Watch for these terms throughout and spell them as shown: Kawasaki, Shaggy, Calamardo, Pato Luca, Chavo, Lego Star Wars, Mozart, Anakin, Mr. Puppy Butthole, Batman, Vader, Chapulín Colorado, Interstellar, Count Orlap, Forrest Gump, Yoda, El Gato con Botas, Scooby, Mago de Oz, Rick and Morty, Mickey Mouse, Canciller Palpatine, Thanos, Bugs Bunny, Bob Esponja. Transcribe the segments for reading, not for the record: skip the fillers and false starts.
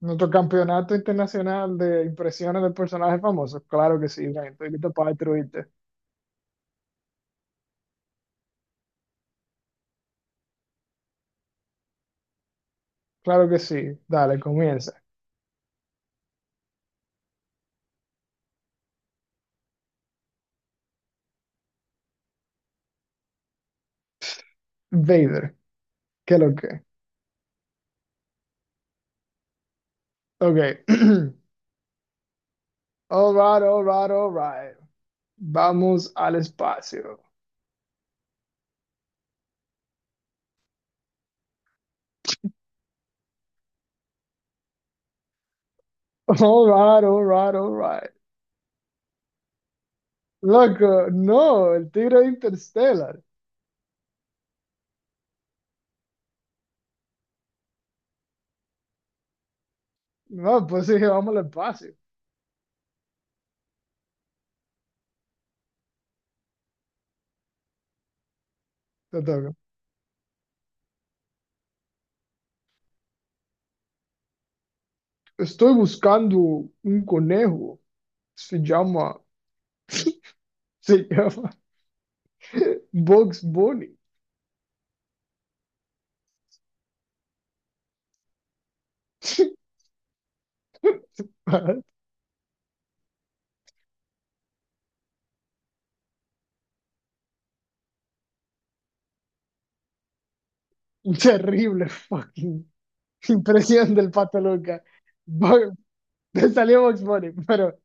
Nuestro campeonato internacional de impresiones de personajes famosos. Claro que sí, Brian, estoy listo para destruirte. Claro que sí. Dale, comienza. Vader, ¿qué es lo que? Ok. All right, all right, all right. Vamos al espacio. All right, all right, all right. Loco, no, el tigre de Interstellar. No, pues sí, vamos al espacio. Te toca. Estoy buscando un conejo. Se llama, se llama Bugs Bunny. Un terrible fucking impresión del Pato Luca. Bo- Te salió Box Bunny, pero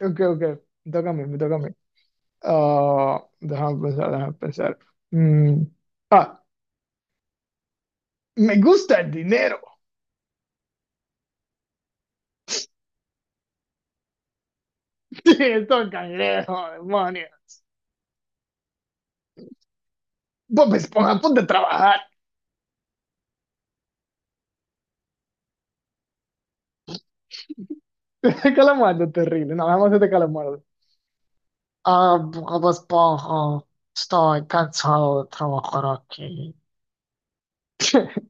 ok, ok, me toca a mí, me toca a mí. Déjame pensar, déjame pensar. Mm, ah, Me gusta el dinero. Sí, esto cangrejo, demonio. Bob Esponja, ponte a trabajar. Calamardo, terrible. No, vamos a hacer calamardo. Ah, Bob Esponja, estoy cansado de trabajar aquí.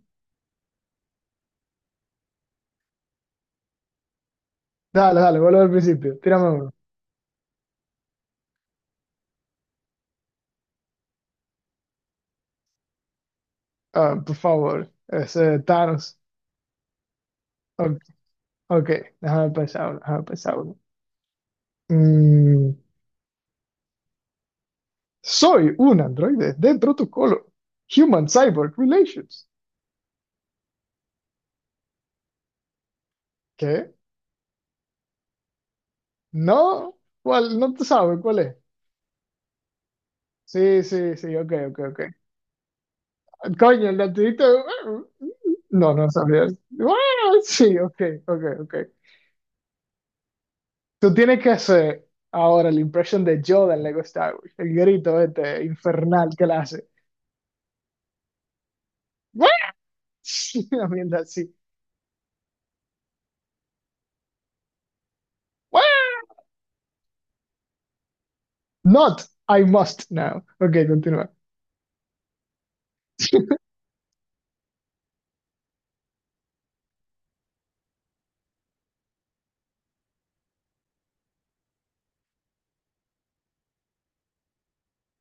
Dale, dale, vuelvo al principio. Tírame uno. Ah, por favor, ese Thanos. O- Ok, déjame pensar uno, déjame pensar uno. Mm, Soy un androide dentro tu colo. Human Cyborg Relations. ¿Qué? No, ¿cuál? No te sabes cuál es. Sí, sí, sí, ok, ok, ok. Coño, el latidito. No, no sabías. Sí, ok, ok, ok. Tú tienes que hacer ahora la impresión de Yoda en Lego Star Wars. El grito este infernal que la hace. Una mierda así. Not, I must now. Ok, continúa.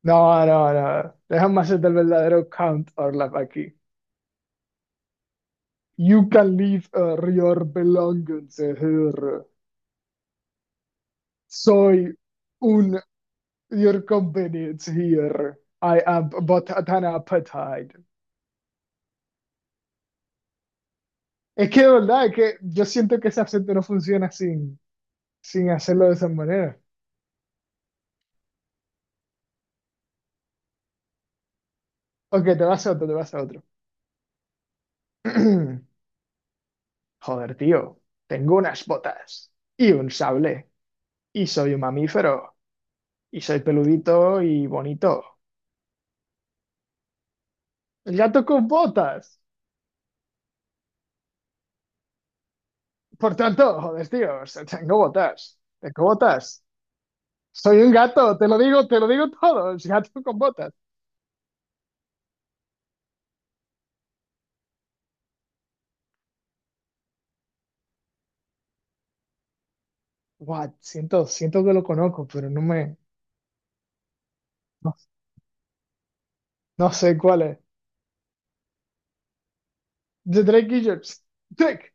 No, no, no. Déjame hacer el verdadero count Orlap aquí. You can leave your belongings here. Soy un your convenience here. I am but an appetite. Es que de verdad, es que yo siento que ese acento no funciona sin hacerlo de esa manera. Ok, te vas a otro, te vas a otro. Joder, tío, tengo unas botas y un sable y soy un mamífero. Y soy peludito y bonito. El gato con botas. Por tanto, joder, tío, o sea, tengo botas. Tengo botas. Soy un gato, te lo digo todo. El gato con botas. What? Siento, siento que lo conozco, pero no me, no, no sé cuál es. The Drake Idiots. Drake,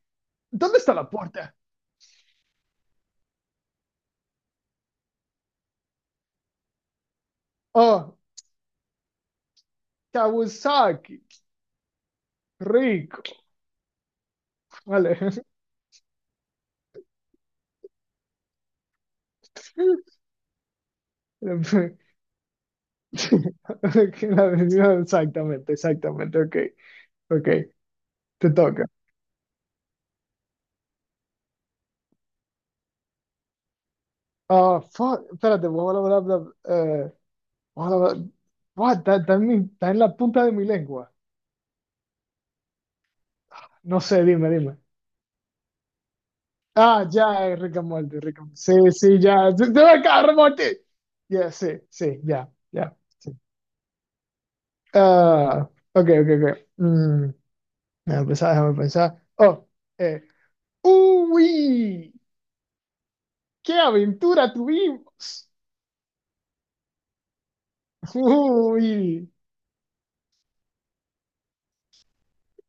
¿dónde está la puerta? Oh, Kawasaki. Rico. Vale. La- Exactamente, exactamente. Ok, ok. Te toca. Ah, fuck, espérate, bla, bla, bla, bla, bla, bla, buah, está, está en la punta de mi lengua. No sé, dime, dime. Ya, Rick and Morty, sí, sí, ya. ¡Se va a Rick and Morty! Ya, sí, sí, ya, ya, sí. Ok, ok, ok. Déjame pensar, déjame pensar. Oh, eh. ¡Uy! ¡Qué aventura tuvimos! ¡Uy!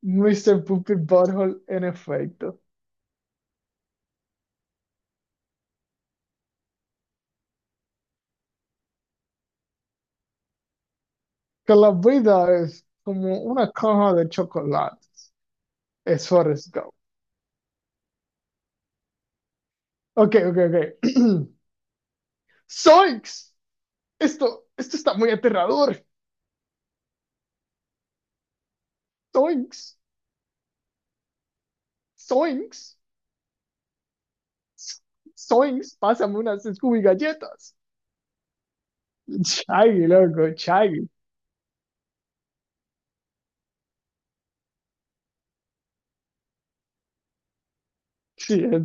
Mr. Puppy Butthole, en efecto. Que la vida es como una caja de chocolates. Es Forrest Gump. Ok, ok, ok. Zoinks. Esto está muy aterrador. Zoinks. Zoinks. Zoinks. Pásame unas Scooby galletas. Shaggy, loco, Shaggy. Sí, es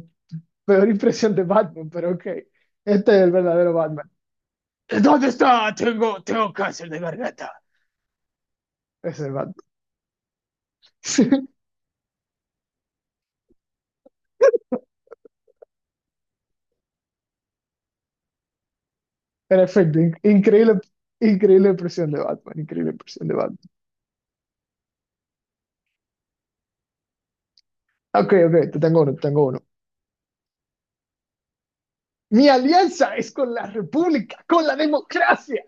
peor impresión de Batman, pero ok. Este es el verdadero Batman. ¿Dónde está? Tengo, tengo cáncer de garganta. Es el Batman. En efecto, increíble, increíble impresión de Batman, increíble impresión de Batman. Ok, ok, te tengo uno, te tengo uno. Mi alianza es con la república, con la democracia.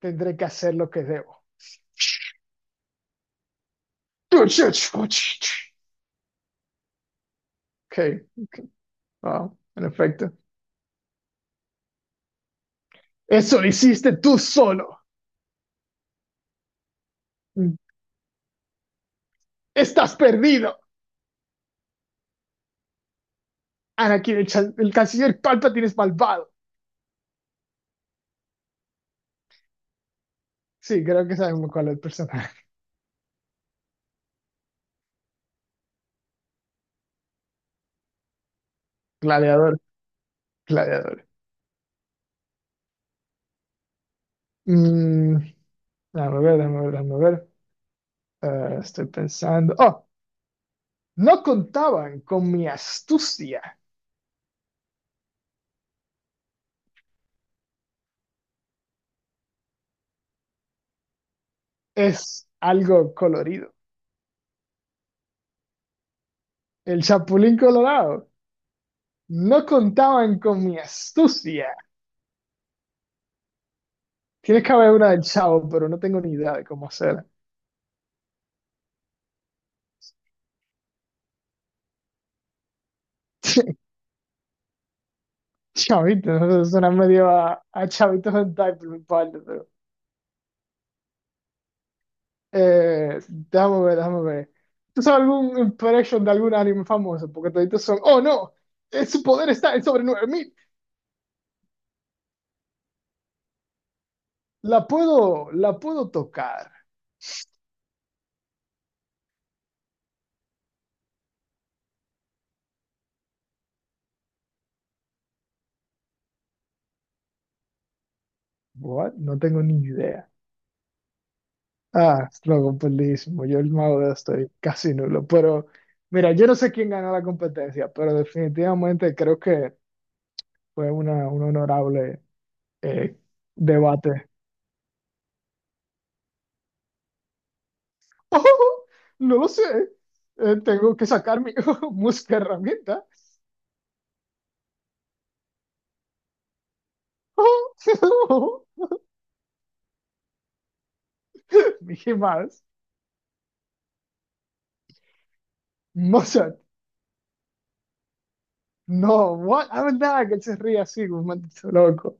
Tendré que hacer lo que debo. Ok, wow, en efecto. Eso lo hiciste tú solo. Estás perdido. Anakin, el canciller Palpatine es malvado. Sí, creo que sabemos cuál es el personaje. Gladiador, gladiador. Mm, Déjame ver, déjame ver, déjame ver. Estoy pensando. Oh, no contaban con mi astucia. Es algo colorido. El Chapulín Colorado. No contaban con mi astucia. Tienes que haber una del Chavo, pero no tengo ni idea de cómo hacerla. Chavito, eso suena medio a Chavitos Hentai por mi parte, pero. Déjame ver, déjame ver. ¿Tú sabes algún impression de algún anime famoso? Porque toditos son. ¡Oh, no! Su poder está en sobre 9000. La puedo tocar. What? No tengo ni idea. Ah, lo completísimo. Yo el mago de Oz estoy casi nulo. Pero mira, yo no sé quién ganó la competencia, pero definitivamente creo que fue una, un honorable eh, debate. No lo sé. Tengo que sacar mi música herramienta. Mickey Mouse. Mozart. No, what? Ah, verdad que él se ríe así, como un maldito loco.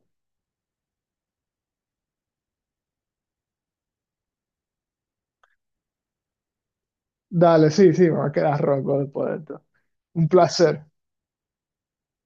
Dale, sí, sí, me va a quedar roco después de esto. Un placer.